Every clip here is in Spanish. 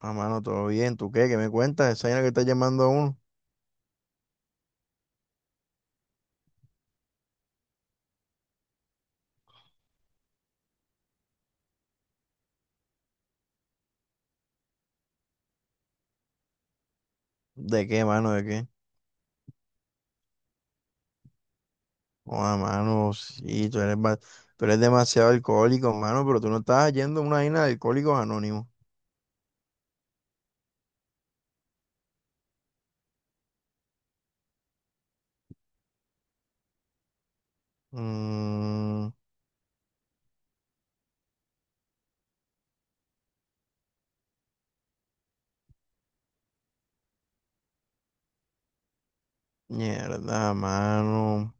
Ah, mano, todo bien. ¿Tú qué? ¿Qué me cuentas? ¿Esa vaina que estás llamando a uno? ¿De qué, mano? ¿De qué? Oh, ah, mano, sí, tú eres demasiado alcohólico, mano, pero tú no estás yendo a una vaina de alcohólicos anónimos. Mm, mierda, mano.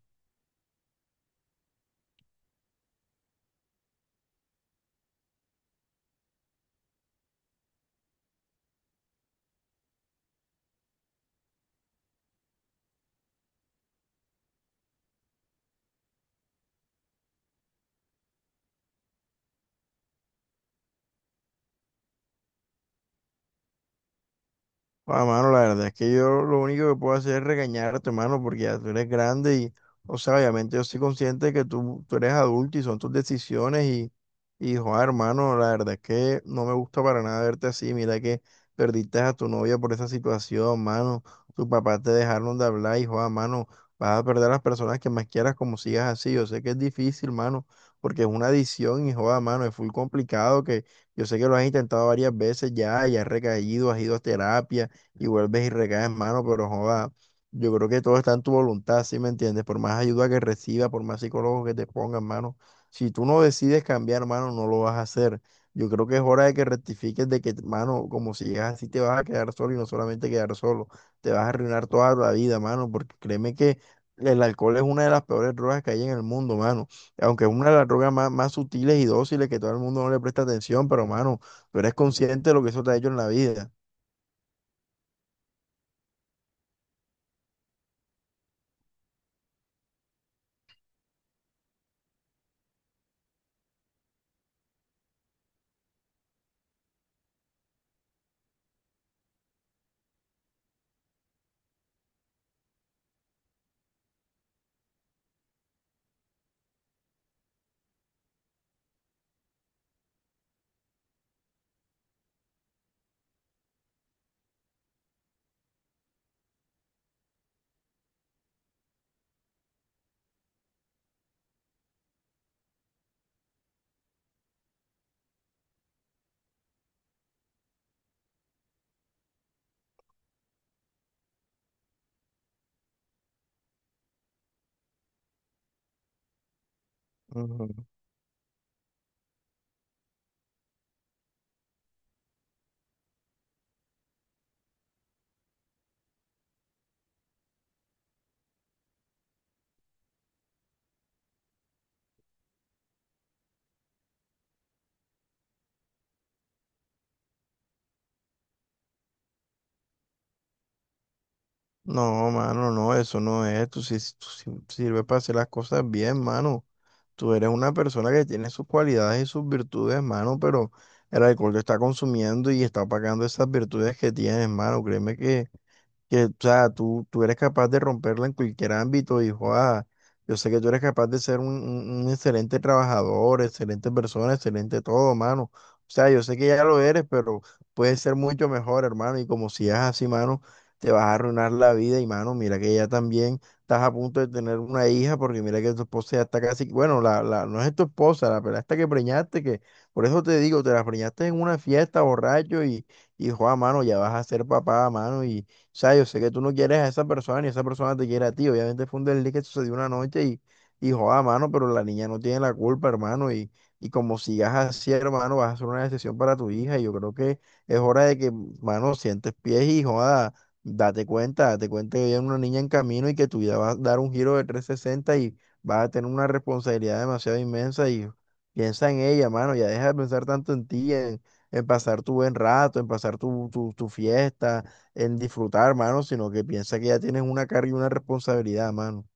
Ah, mano, la verdad es que yo lo único que puedo hacer es regañarte, mano, porque ya tú eres grande y, o sea, obviamente yo soy consciente de que tú eres adulto y son tus decisiones y, joder, hermano, la verdad es que no me gusta para nada verte así. Mira que perdiste a tu novia por esa situación, mano. Tu papá te dejaron de hablar y, joder, mano, vas a perder a las personas que más quieras como sigas así. Yo sé que es difícil, mano, porque es una adicción y, joder, mano, es full complicado que yo sé que lo has intentado varias veces ya y has recaído, has ido a terapia y vuelves y recaes, mano, pero joda, yo creo que todo está en tu voluntad, ¿sí me entiendes? Por más ayuda que reciba, por más psicólogos que te pongan, mano, si tú no decides cambiar, mano, no lo vas a hacer. Yo creo que es hora de que rectifiques de que, mano, como si llegas así te vas a quedar solo y no solamente quedar solo, te vas a arruinar toda la vida, mano, porque créeme que el alcohol es una de las peores drogas que hay en el mundo, mano. Aunque es una de las drogas más, más sutiles y dóciles que todo el mundo no le presta atención, pero, mano, tú eres consciente de lo que eso te ha hecho en la vida. No, mano, no, eso no es. Tú sí sirves para hacer las cosas bien, mano. Tú eres una persona que tiene sus cualidades y sus virtudes, mano, pero el alcohol te está consumiendo y está apagando esas virtudes que tienes, mano. Créeme que, o sea, tú eres capaz de romperla en cualquier ámbito y, joa, yo sé que tú eres capaz de ser un excelente trabajador, excelente persona, excelente todo, mano. O sea, yo sé que ya lo eres, pero puedes ser mucho mejor, hermano. Y como sigas así, mano, te vas a arruinar la vida. Y, mano, mira que ya también estás a punto de tener una hija, porque mira que tu esposa ya está casi, bueno, no es tu esposa, la pelada esta que preñaste, que por eso te digo, te la preñaste en una fiesta, borracho, y, joa, mano, ya vas a ser papá, mano, y sea, yo sé que tú no quieres a esa persona ni esa persona te quiere a ti. Obviamente fue un desliz que sucedió una noche y joda, mano, pero la niña no tiene la culpa, hermano. Y como sigas así, hermano, vas a hacer una decisión para tu hija. Y yo creo que es hora de que, mano, sientes pies y joda, date cuenta que hay una niña en camino y que tu vida va a dar un giro de 360 y vas a tener una responsabilidad demasiado inmensa. Y piensa en ella, mano, ya deja de pensar tanto en ti, en pasar tu buen rato, en pasar tu fiesta en disfrutar, mano, sino que piensa que ya tienes una carga y una responsabilidad, mano.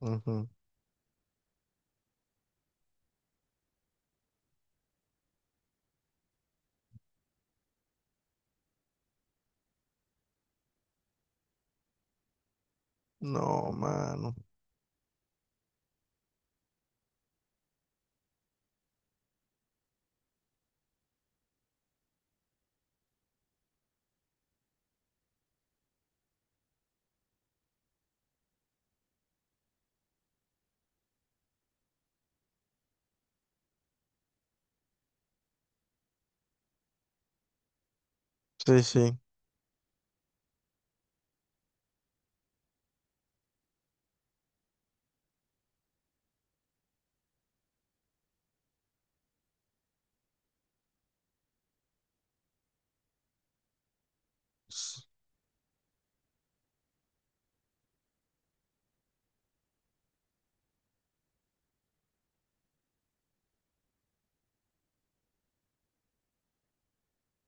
Ujú. No, mano. Sí, sí.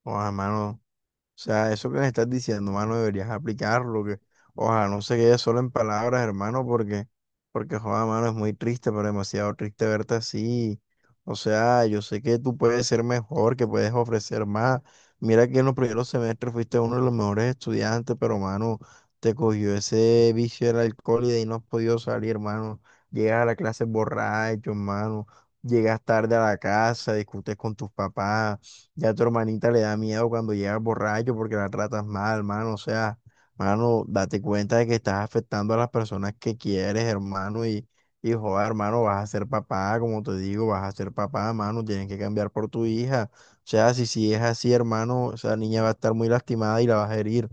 Ojalá, mano. O sea, eso que me estás diciendo, mano, deberías aplicarlo, que ojalá no se quede solo en palabras, hermano, porque, joda, mano, es muy triste, pero demasiado triste verte así. O sea, yo sé que tú puedes ser mejor, que puedes ofrecer más. Mira que en los primeros semestres fuiste uno de los mejores estudiantes, pero, mano, te cogió ese vicio del alcohol y de ahí no has podido salir, hermano. Llegas a la clase borracho, hermano. Llegas tarde a la casa, discutes con tus papás. Ya a tu hermanita le da miedo cuando llegas borracho porque la tratas mal, mano. O sea, mano, date cuenta de que estás afectando a las personas que quieres, hermano. Y joder, hermano, vas a ser papá, como te digo, vas a ser papá, mano. Tienes que cambiar por tu hija. O sea, si es así, hermano, esa niña va a estar muy lastimada y la vas a herir.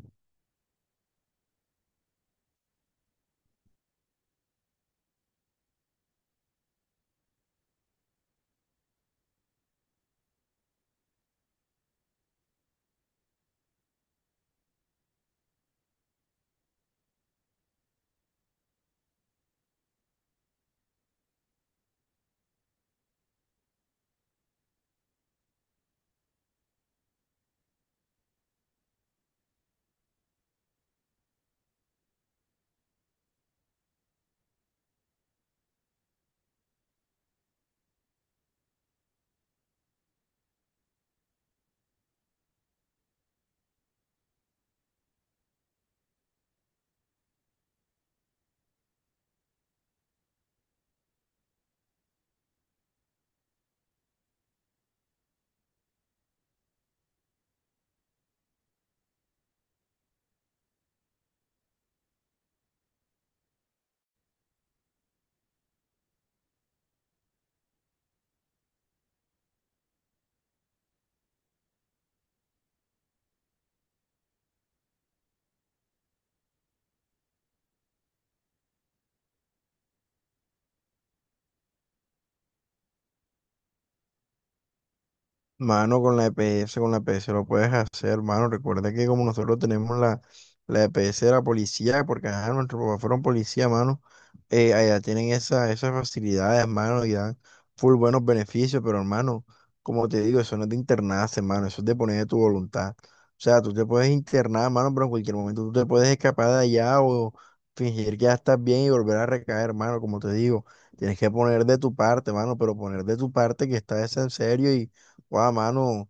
Mano, con la EPS, con la EPS lo puedes hacer, hermano. Recuerda que como nosotros tenemos la EPS de la policía, porque ajá, nuestros papás fueron policía, mano. Eh, allá tienen esa, esas facilidades, hermano, y dan full buenos beneficios, pero hermano, como te digo, eso no es de internarse, hermano, eso es de poner de tu voluntad. O sea, tú te puedes internar, hermano, pero en cualquier momento tú te puedes escapar de allá o fingir que ya estás bien y volver a recaer, hermano, como te digo, tienes que poner de tu parte, hermano, pero poner de tu parte que estás en serio y, guau, mano,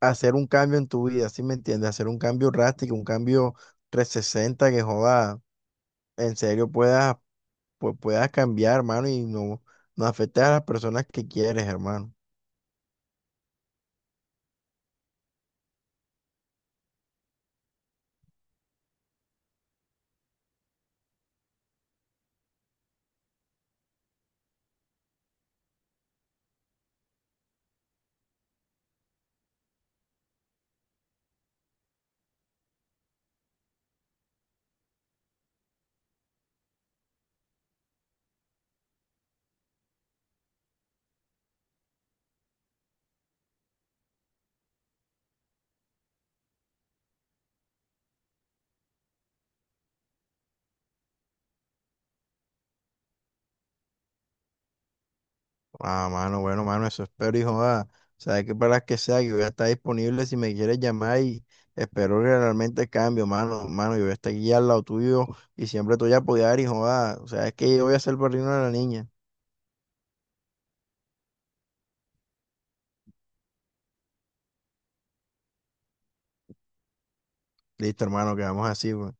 hacer un cambio en tu vida, ¿sí me entiendes? Hacer un cambio drástico, un cambio 360 que joda, en serio puedas pues puedas cambiar, hermano, y no, no afectes a las personas que quieres, hermano. Ah, mano, bueno, mano, eso espero, hijo. Joda, sabes que para las que sea, yo voy a estar disponible si me quieres llamar y espero que realmente cambie, mano, yo voy a estar aquí al lado tuyo y siempre te voy a apoyar, hijo. Joda, o sea, es que yo voy a ser el padrino de la niña. Listo, hermano, quedamos así, pues.